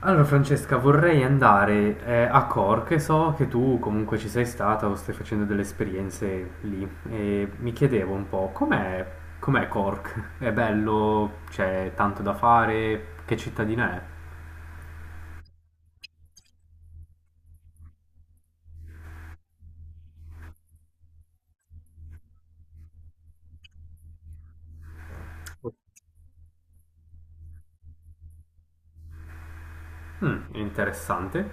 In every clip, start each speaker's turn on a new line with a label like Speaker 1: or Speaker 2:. Speaker 1: Allora Francesca, vorrei andare a Cork. So che tu comunque ci sei stata o stai facendo delle esperienze lì e mi chiedevo un po' com'è, com'è Cork? È bello? C'è tanto da fare? Che cittadina è? Mm, interessante.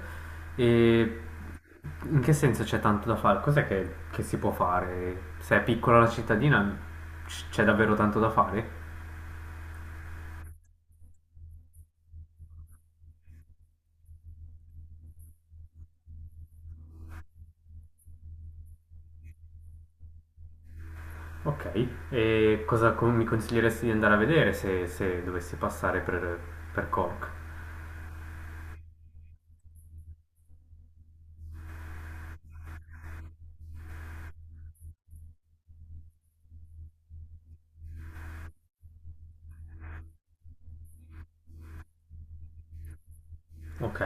Speaker 1: E in che senso c'è tanto da fare? Cos'è che si può fare? Se è piccola la cittadina c'è davvero tanto da fare? Ok, e mi consiglieresti di andare a vedere se dovessi passare per Cork? Ok,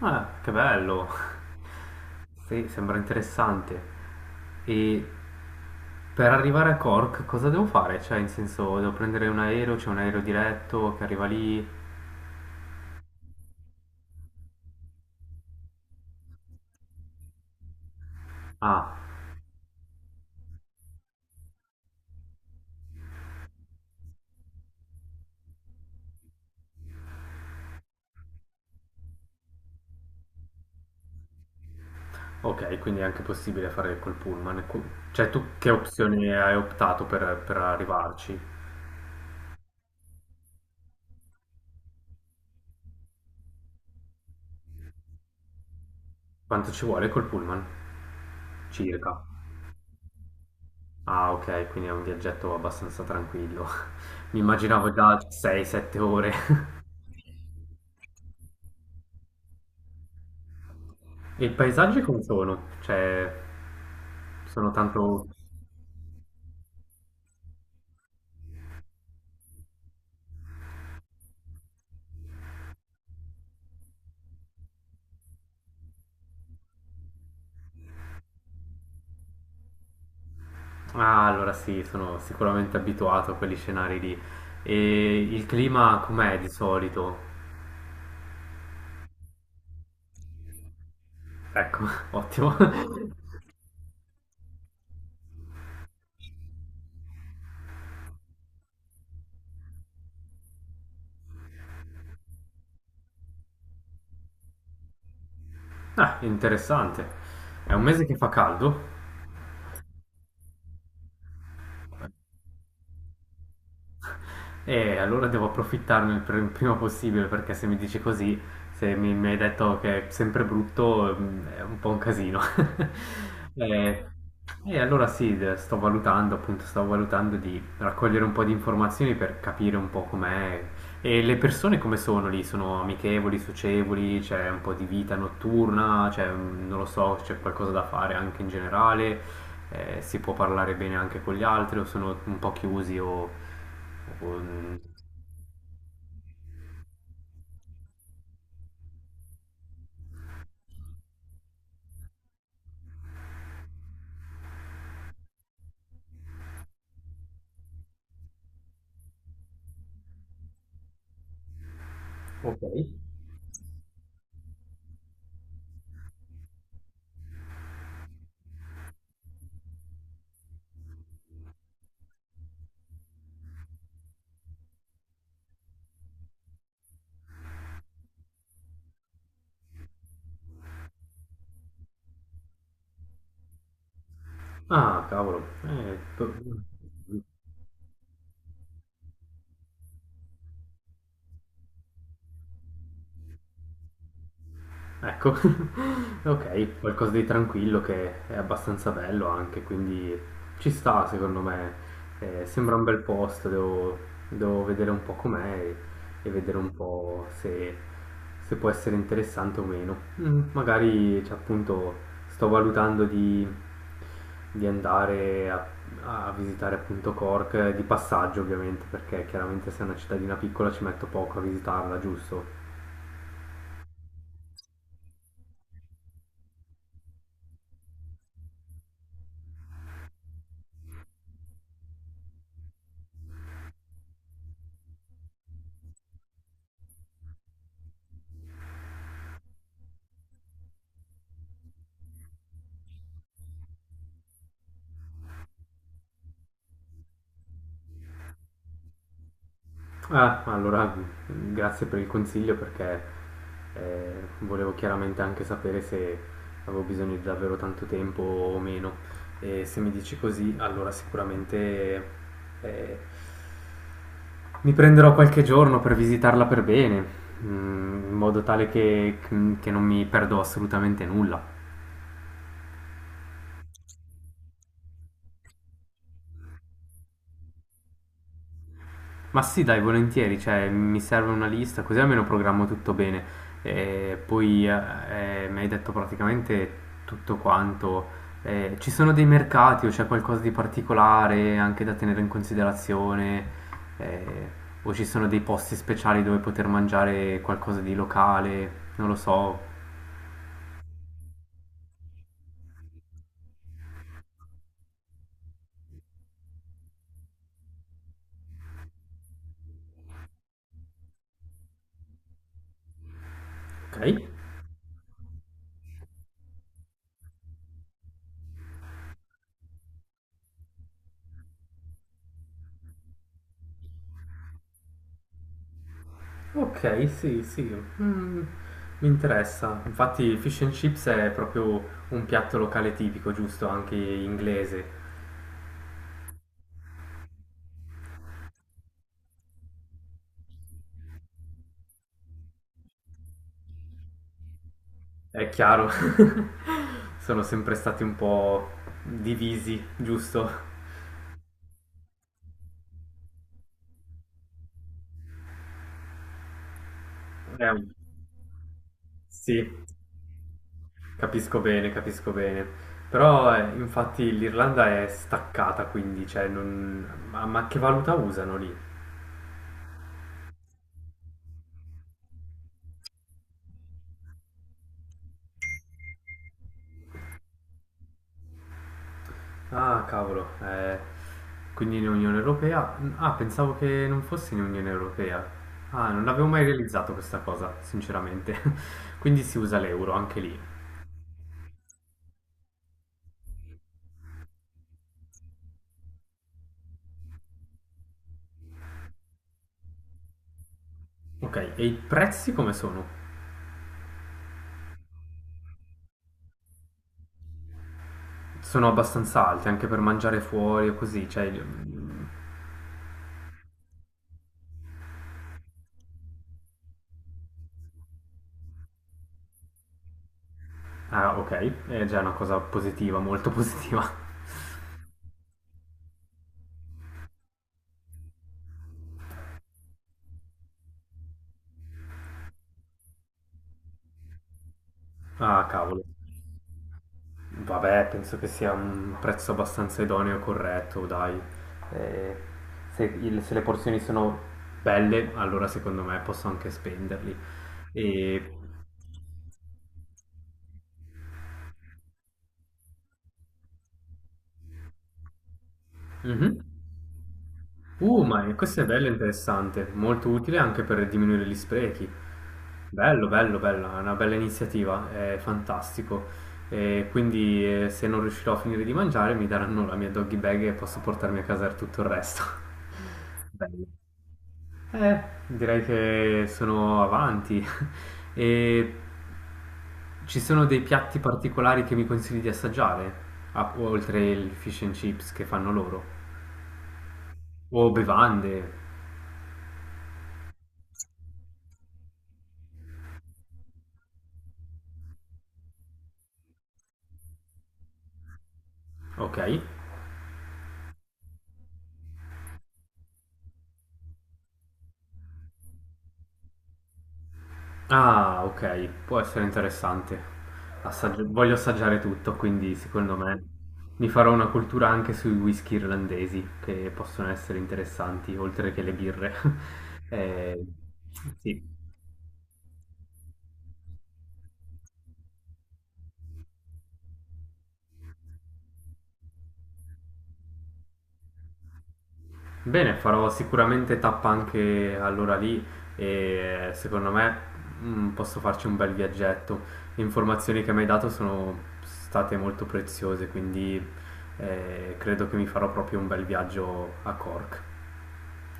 Speaker 1: ah, che bello, sì, sembra interessante. E per arrivare a Cork cosa devo fare? Cioè, in senso, devo prendere un aereo, c'è un aereo diretto che arriva lì? Ah, ok, quindi è anche possibile fare col pullman. Cioè, tu che opzione hai optato per arrivarci? Quanto ci vuole col pullman? Circa. Ah, ok, quindi è un viaggetto abbastanza tranquillo. Mi immaginavo già 6-7 ore. E i paesaggi come sono? Cioè, sono tanto... Ah, allora sì, sono sicuramente abituato a quegli scenari lì. E il clima com'è di solito? Ecco, ottimo. Ah, interessante. È un mese che fa caldo? E allora devo approfittarne prima possibile perché se mi dici così, se mi, mi hai detto che è sempre brutto. Mm, è un po' un casino. E, e allora sì, sto valutando, appunto, sto valutando di raccogliere un po' di informazioni per capire un po' com'è. E le persone come sono lì? Sono amichevoli, socievoli? C'è un po' di vita notturna? C'è, mm, non lo so, c'è qualcosa da fare anche in generale? Si può parlare bene anche con gli altri o sono un po' chiusi o... Um, ok. Ah, cavolo. Eh, to- Ecco, ok, qualcosa di tranquillo che è abbastanza bello anche, quindi ci sta secondo me. Sembra un bel posto, devo vedere un po' com'è e vedere un po' se, se può essere interessante o meno. Mm, magari, cioè, appunto, sto valutando di, di andare a visitare appunto Cork, di passaggio ovviamente, perché chiaramente se è una cittadina piccola ci metto poco a visitarla, giusto? Ah, allora grazie per il consiglio perché eh, volevo chiaramente anche sapere se avevo bisogno di davvero tanto tempo o meno. E se mi dici così, allora sicuramente eh, mi prenderò qualche giorno per visitarla per bene, mm, in modo tale che non mi perdo assolutamente nulla. Ma sì, dai, volentieri, cioè mi serve una lista, così almeno programmo tutto bene. E poi mi hai detto praticamente tutto quanto. Ci sono dei mercati o c'è qualcosa di particolare anche da tenere in considerazione? Eh, o ci sono dei posti speciali dove poter mangiare qualcosa di locale? Non lo so. Ok, ok, sì, sì, mm, mi interessa. Infatti, fish and chips è proprio un piatto locale tipico, giusto? Anche inglese. È chiaro, sono sempre stati un po' divisi, giusto? È un- Sì, capisco bene, capisco bene. Però infatti l'Irlanda è staccata, quindi, cioè, non... ma che valuta usano lì? Ah, cavolo, quindi in Unione Europea? Ah, pensavo che non fosse in Unione Europea. Ah, non avevo mai realizzato questa cosa, sinceramente. Quindi si usa l'euro anche lì. Ok, e i prezzi come sono? Sono abbastanza alti anche per mangiare fuori o così, cioè... Ah, ok, è già una cosa positiva, molto positiva. Ah, cavolo. Vabbè, penso che sia un prezzo abbastanza idoneo e corretto, dai. Eh, se le porzioni sono belle, allora secondo me posso anche spenderli. E... Mhm. Ma questo è bello e interessante, molto utile anche per diminuire gli sprechi. Bello, bello, bella, è una bella iniziativa, è fantastico. E quindi se non riuscirò a finire di mangiare mi daranno la mia doggy bag e posso portarmi a casa tutto il resto. Bello. Eh, Direi che sono avanti. E ci sono dei piatti particolari che mi consigli di assaggiare, oltre il fish and chips che fanno loro? O bevande? Ok. Ah, ok, può essere interessante. Voglio assaggiare tutto, quindi secondo me mi farò una cultura anche sui whisky irlandesi, che possono essere interessanti, oltre che le birre. Eh, sì. Bene, farò sicuramente tappa anche allora lì e secondo me mm, posso farci un bel viaggetto. Le informazioni che mi hai dato sono state molto preziose, quindi credo che mi farò proprio un bel viaggio a Cork.